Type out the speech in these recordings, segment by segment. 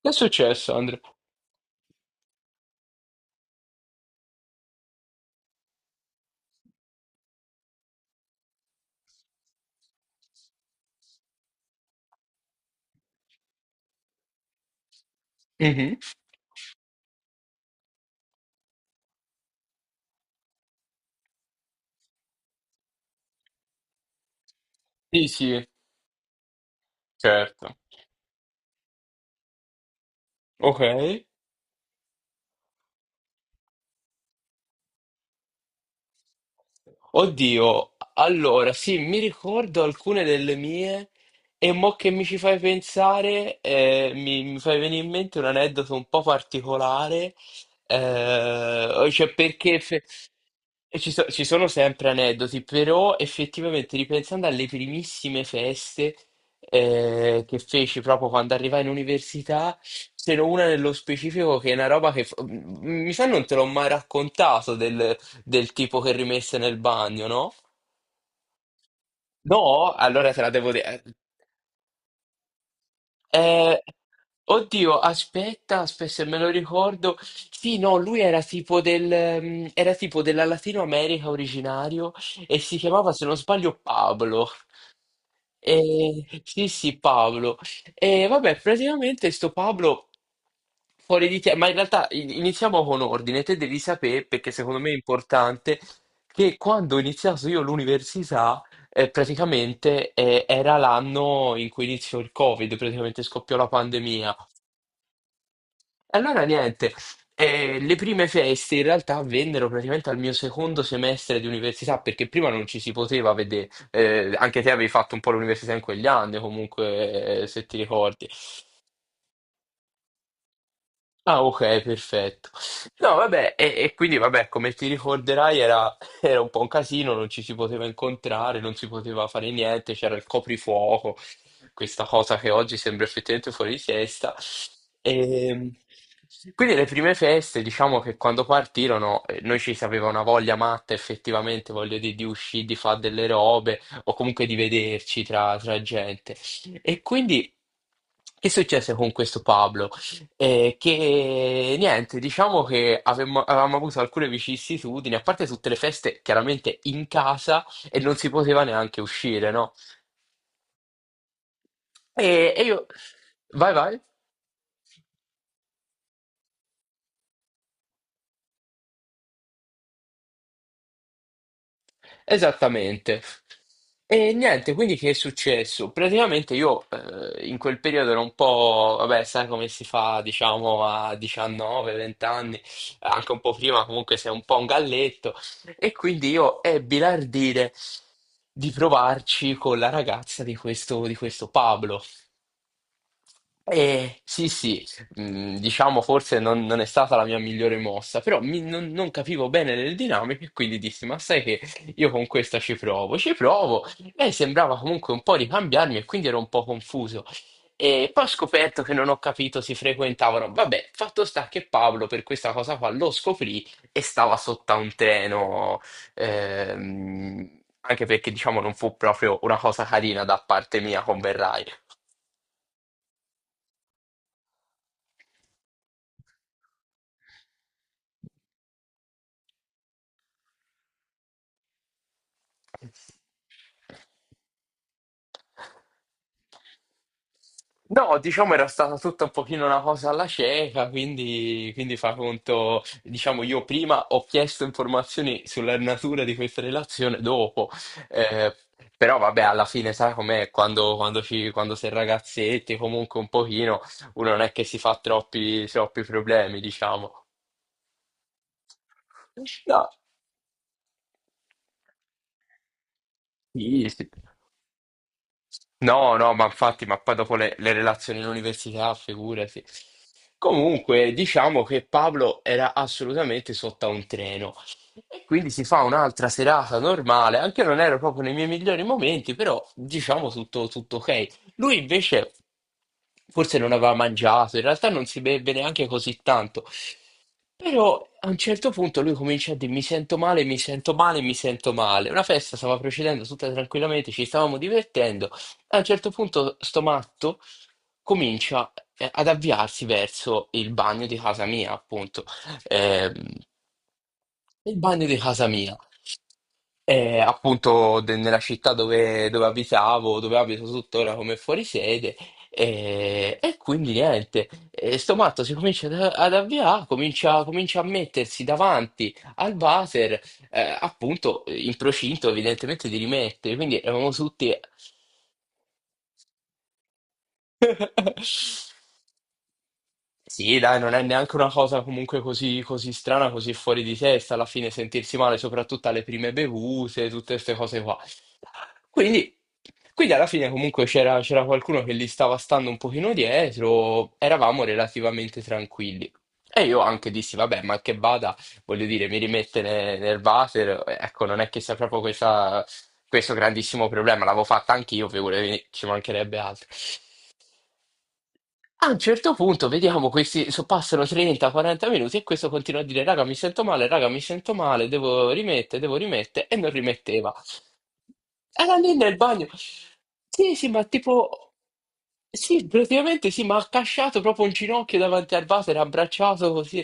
Che è successo, Andrea? Mhm. Sì, sì, certo. Ok. Oddio, allora sì, mi ricordo alcune delle mie e mo che mi ci fai pensare, mi fai venire in mente un aneddoto un po' particolare. Cioè perché fe- e ci, so- ci sono sempre aneddoti, però effettivamente ripensando alle primissime feste che feci proprio quando arrivai in università, ce n'è una nello specifico che è una roba che mi sa non te l'ho mai raccontato, del tipo che rimesse nel bagno, no? No, allora te la devo dire. Eh, eh, oddio, aspetta, aspetta, se me lo ricordo. Sì, no, lui era era tipo della Latino America, originario, e si chiamava, se non sbaglio, Pablo. Sì, sì, Pablo. E vabbè, praticamente sto Pablo fuori di te, ma in realtà iniziamo con ordine. Te devi sapere, perché secondo me è importante, che quando ho iniziato io l'università. Praticamente era l'anno in cui iniziò il Covid, praticamente scoppiò la pandemia. E allora niente, le prime feste in realtà avvennero praticamente al mio secondo semestre di università, perché prima non ci si poteva vedere. Anche te avevi fatto un po' l'università in quegli anni, comunque, se ti ricordi. Ah, ok, perfetto. No, vabbè, e quindi, vabbè, come ti ricorderai, era, era un po' un casino, non ci si poteva incontrare, non si poteva fare niente, c'era il coprifuoco, questa cosa che oggi sembra effettivamente fuori di testa. E quindi le prime feste, diciamo, che quando partirono, noi ci sapeva una voglia matta, effettivamente, voglio dire, di uscire, di fare delle robe, o comunque di vederci tra, tra gente. E quindi, che successe con questo Pablo? E che niente, diciamo che avevamo avuto alcune vicissitudini, a parte tutte le feste chiaramente in casa, e non si poteva neanche uscire, no? E io... Vai, vai. Esattamente. E niente, quindi che è successo? Praticamente io in quel periodo ero un po', vabbè, sai come si fa, diciamo, a 19-20 anni, anche un po' prima, comunque sei un po' un galletto, e quindi io ebbi l'ardire di provarci con la ragazza di questo Pablo. Sì, sì, diciamo forse non è stata la mia migliore mossa, però non capivo bene le dinamiche, e quindi dissi, ma sai che io con questa ci provo, ci provo. Lei sembrava comunque un po' ricambiarmi, e quindi ero un po' confuso. E poi ho scoperto che, non ho capito, si frequentavano. Vabbè, fatto sta che Paolo per questa cosa qua lo scoprì e stava sotto a un treno. Anche perché diciamo non fu proprio una cosa carina da parte mia, converrai. No, diciamo, era stata tutta un pochino una cosa alla cieca, quindi, quindi fa conto, diciamo io prima ho chiesto informazioni sulla natura di questa relazione, dopo, eh, però vabbè alla fine sai com'è, quando, quando sei ragazzetti, comunque un pochino uno non è che si fa troppi, troppi problemi, diciamo. No, sì, sì. No, no, ma infatti, ma poi dopo le relazioni in università, figurati. Comunque, diciamo che Pablo era assolutamente sotto a un treno. E quindi si fa un'altra serata normale. Anche io non ero proprio nei miei migliori momenti, però diciamo tutto, tutto ok. Lui invece forse non aveva mangiato, in realtà non si beve neanche così tanto. Però a un certo punto lui comincia a dire, mi sento male, mi sento male, mi sento male. Una festa stava procedendo tutta tranquillamente, ci stavamo divertendo. A un certo punto sto matto comincia ad avviarsi verso il bagno di casa mia, appunto. Ehm, il bagno di casa mia. E appunto nella città dove, dove abitavo, dove abito tuttora come fuorisede, e quindi niente, e sto matto si comincia ad avviare, comincia, comincia a mettersi davanti al water, appunto in procinto evidentemente di rimettere, quindi eravamo tutti... Sì, dai, non è neanche una cosa comunque così, così strana, così fuori di testa alla fine sentirsi male, soprattutto alle prime bevute, tutte queste cose qua. Quindi, alla fine comunque c'era qualcuno che li stava stando un pochino dietro, eravamo relativamente tranquilli. E io anche dissi, vabbè, ma che vada, voglio dire, mi rimette nel water, ecco, non è che sia proprio questo grandissimo problema, l'avevo fatta anch'io, figurati, ci mancherebbe altro. A un certo punto, vediamo, questi, passano 30-40 minuti e questo continua a dire, raga, mi sento male, raga, mi sento male, devo rimettere, e non rimetteva. Era lì nel bagno. Sì, sì, ma tipo, sì, praticamente sì, ma ha accasciato proprio un ginocchio davanti al vaso, era abbracciato così.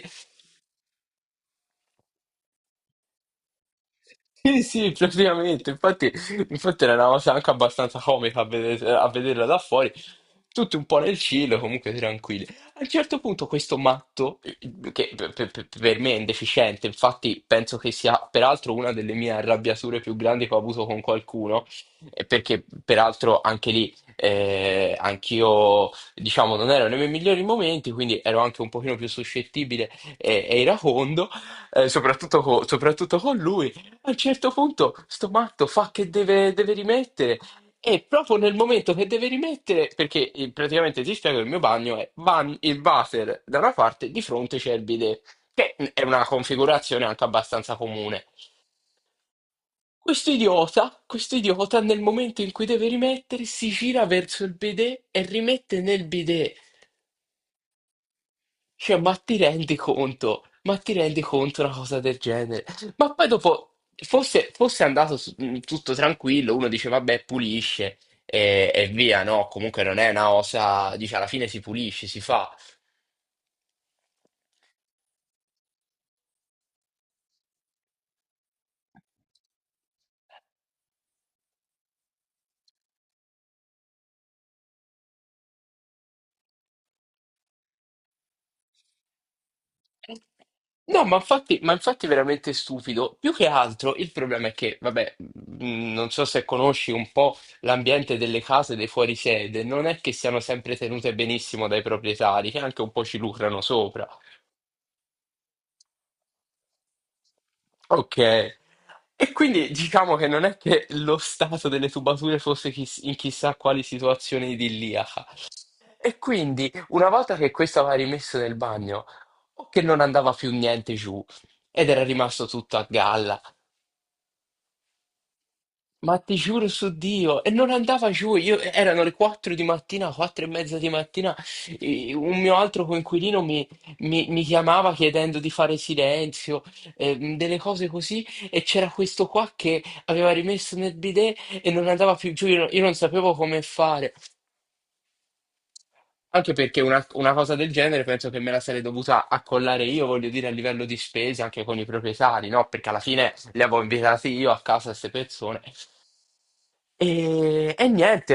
Sì, sì, praticamente, infatti, infatti era una cosa anche abbastanza comica a, a vederla da fuori, tutti un po' nel cielo, comunque tranquilli. A un certo punto questo matto, che per me è indeficiente, infatti penso che sia peraltro una delle mie arrabbiature più grandi che ho avuto con qualcuno, perché peraltro anche lì anch'io, diciamo, non ero nei miei migliori momenti, quindi ero anche un pochino più suscettibile e iracondo, soprattutto soprattutto con lui. A un certo punto sto matto fa che deve, deve rimettere, e proprio nel momento che deve rimettere, perché praticamente ti spiego, il mio bagno è il water da una parte, di fronte c'è il bidet, che è una configurazione anche abbastanza comune. Questo idiota nel momento in cui deve rimettere si gira verso il bidet e rimette nel bidet. Cioè, ma ti rendi conto? Ma ti rendi conto una cosa del genere? Ma poi dopo, fosse, fosse andato tutto tranquillo, uno dice, vabbè, pulisce e via, no? Comunque non è una cosa, dice, alla fine si pulisce, si fa. No, ma infatti è veramente stupido. Più che altro il problema è che, vabbè, non so se conosci un po' l'ambiente delle case dei fuorisede, non è che siano sempre tenute benissimo dai proprietari, che anche un po' ci lucrano sopra. Ok. E quindi diciamo che non è che lo stato delle tubature fosse in chissà quali situazione idilliaca. E quindi una volta che questo aveva rimesso nel bagno, o che non andava più niente giù, ed era rimasto tutto a galla. Ma ti giuro su Dio, e non andava giù, io, erano le 4 di mattina, 4 e mezza di mattina, e un mio altro coinquilino mi, mi chiamava chiedendo di fare silenzio, delle cose così, e c'era questo qua che aveva rimesso nel bidet e non andava più giù, io non sapevo come fare. Anche perché una cosa del genere penso che me la sarei dovuta accollare io, voglio dire, a livello di spese anche con i proprietari, no? Perché alla fine li avevo invitati io a casa queste persone. E niente,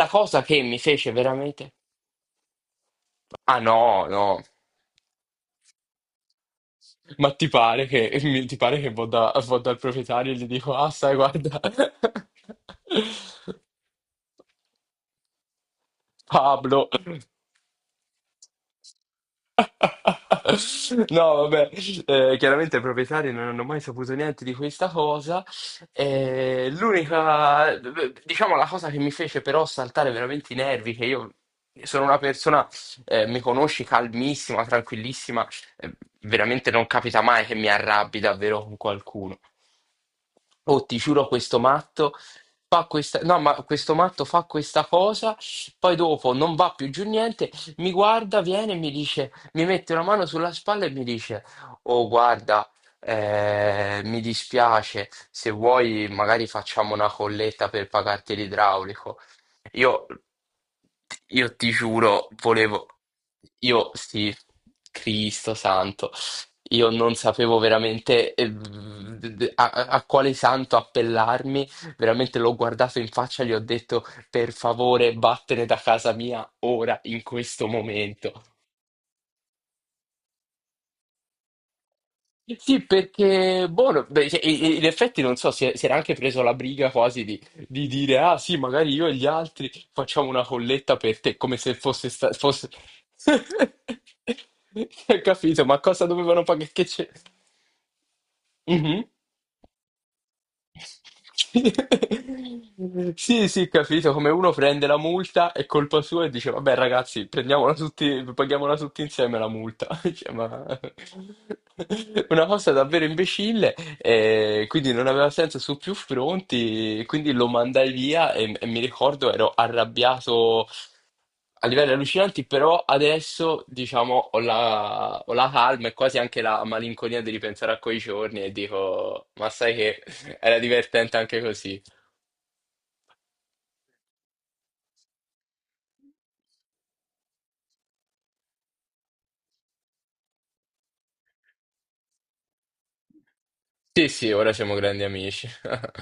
la cosa che mi fece veramente... Ah no, no, ma ti pare che, ti pare che vado, vado dal proprietario e gli dico, ah sai, guarda, Pablo. No, vabbè, chiaramente i proprietari non hanno mai saputo niente di questa cosa. L'unica, diciamo, la cosa che mi fece però saltare veramente i nervi, che io sono una persona, mi conosci, calmissima, tranquillissima, eh, veramente non capita mai che mi arrabbi davvero con qualcuno. Oh, ti giuro, questo matto fa questa, no, ma questo matto fa questa cosa, poi dopo non va più giù niente, mi guarda, viene e mi dice, mi mette una mano sulla spalla e mi dice, oh, guarda, mi dispiace, se vuoi magari facciamo una colletta per pagarti l'idraulico. Io, io ti giuro, volevo, io sì, Cristo santo. Io non sapevo veramente a quale santo appellarmi, veramente l'ho guardato in faccia e gli ho detto per favore vattene da casa mia ora, in questo momento. Sì, perché, buono, beh, cioè, in effetti non so, si, si era anche preso la briga quasi di dire, ah sì, magari io e gli altri facciamo una colletta per te, come se fosse... fosse... Hai capito? Ma cosa dovevano pagare? Che c'è? Mhm. Sì, sì, capito, come uno prende la multa, è colpa sua e dice, vabbè ragazzi, prendiamola tutti, paghiamola tutti insieme la multa. Cioè, ma... Una cosa davvero imbecille, e quindi non aveva senso su più fronti, quindi lo mandai via, e mi ricordo ero arrabbiato a livelli allucinanti, però adesso diciamo ho la, ho la calma e quasi anche la malinconia di ripensare a quei giorni e dico, ma sai che era divertente anche così. Sì, sì, ora siamo grandi amici.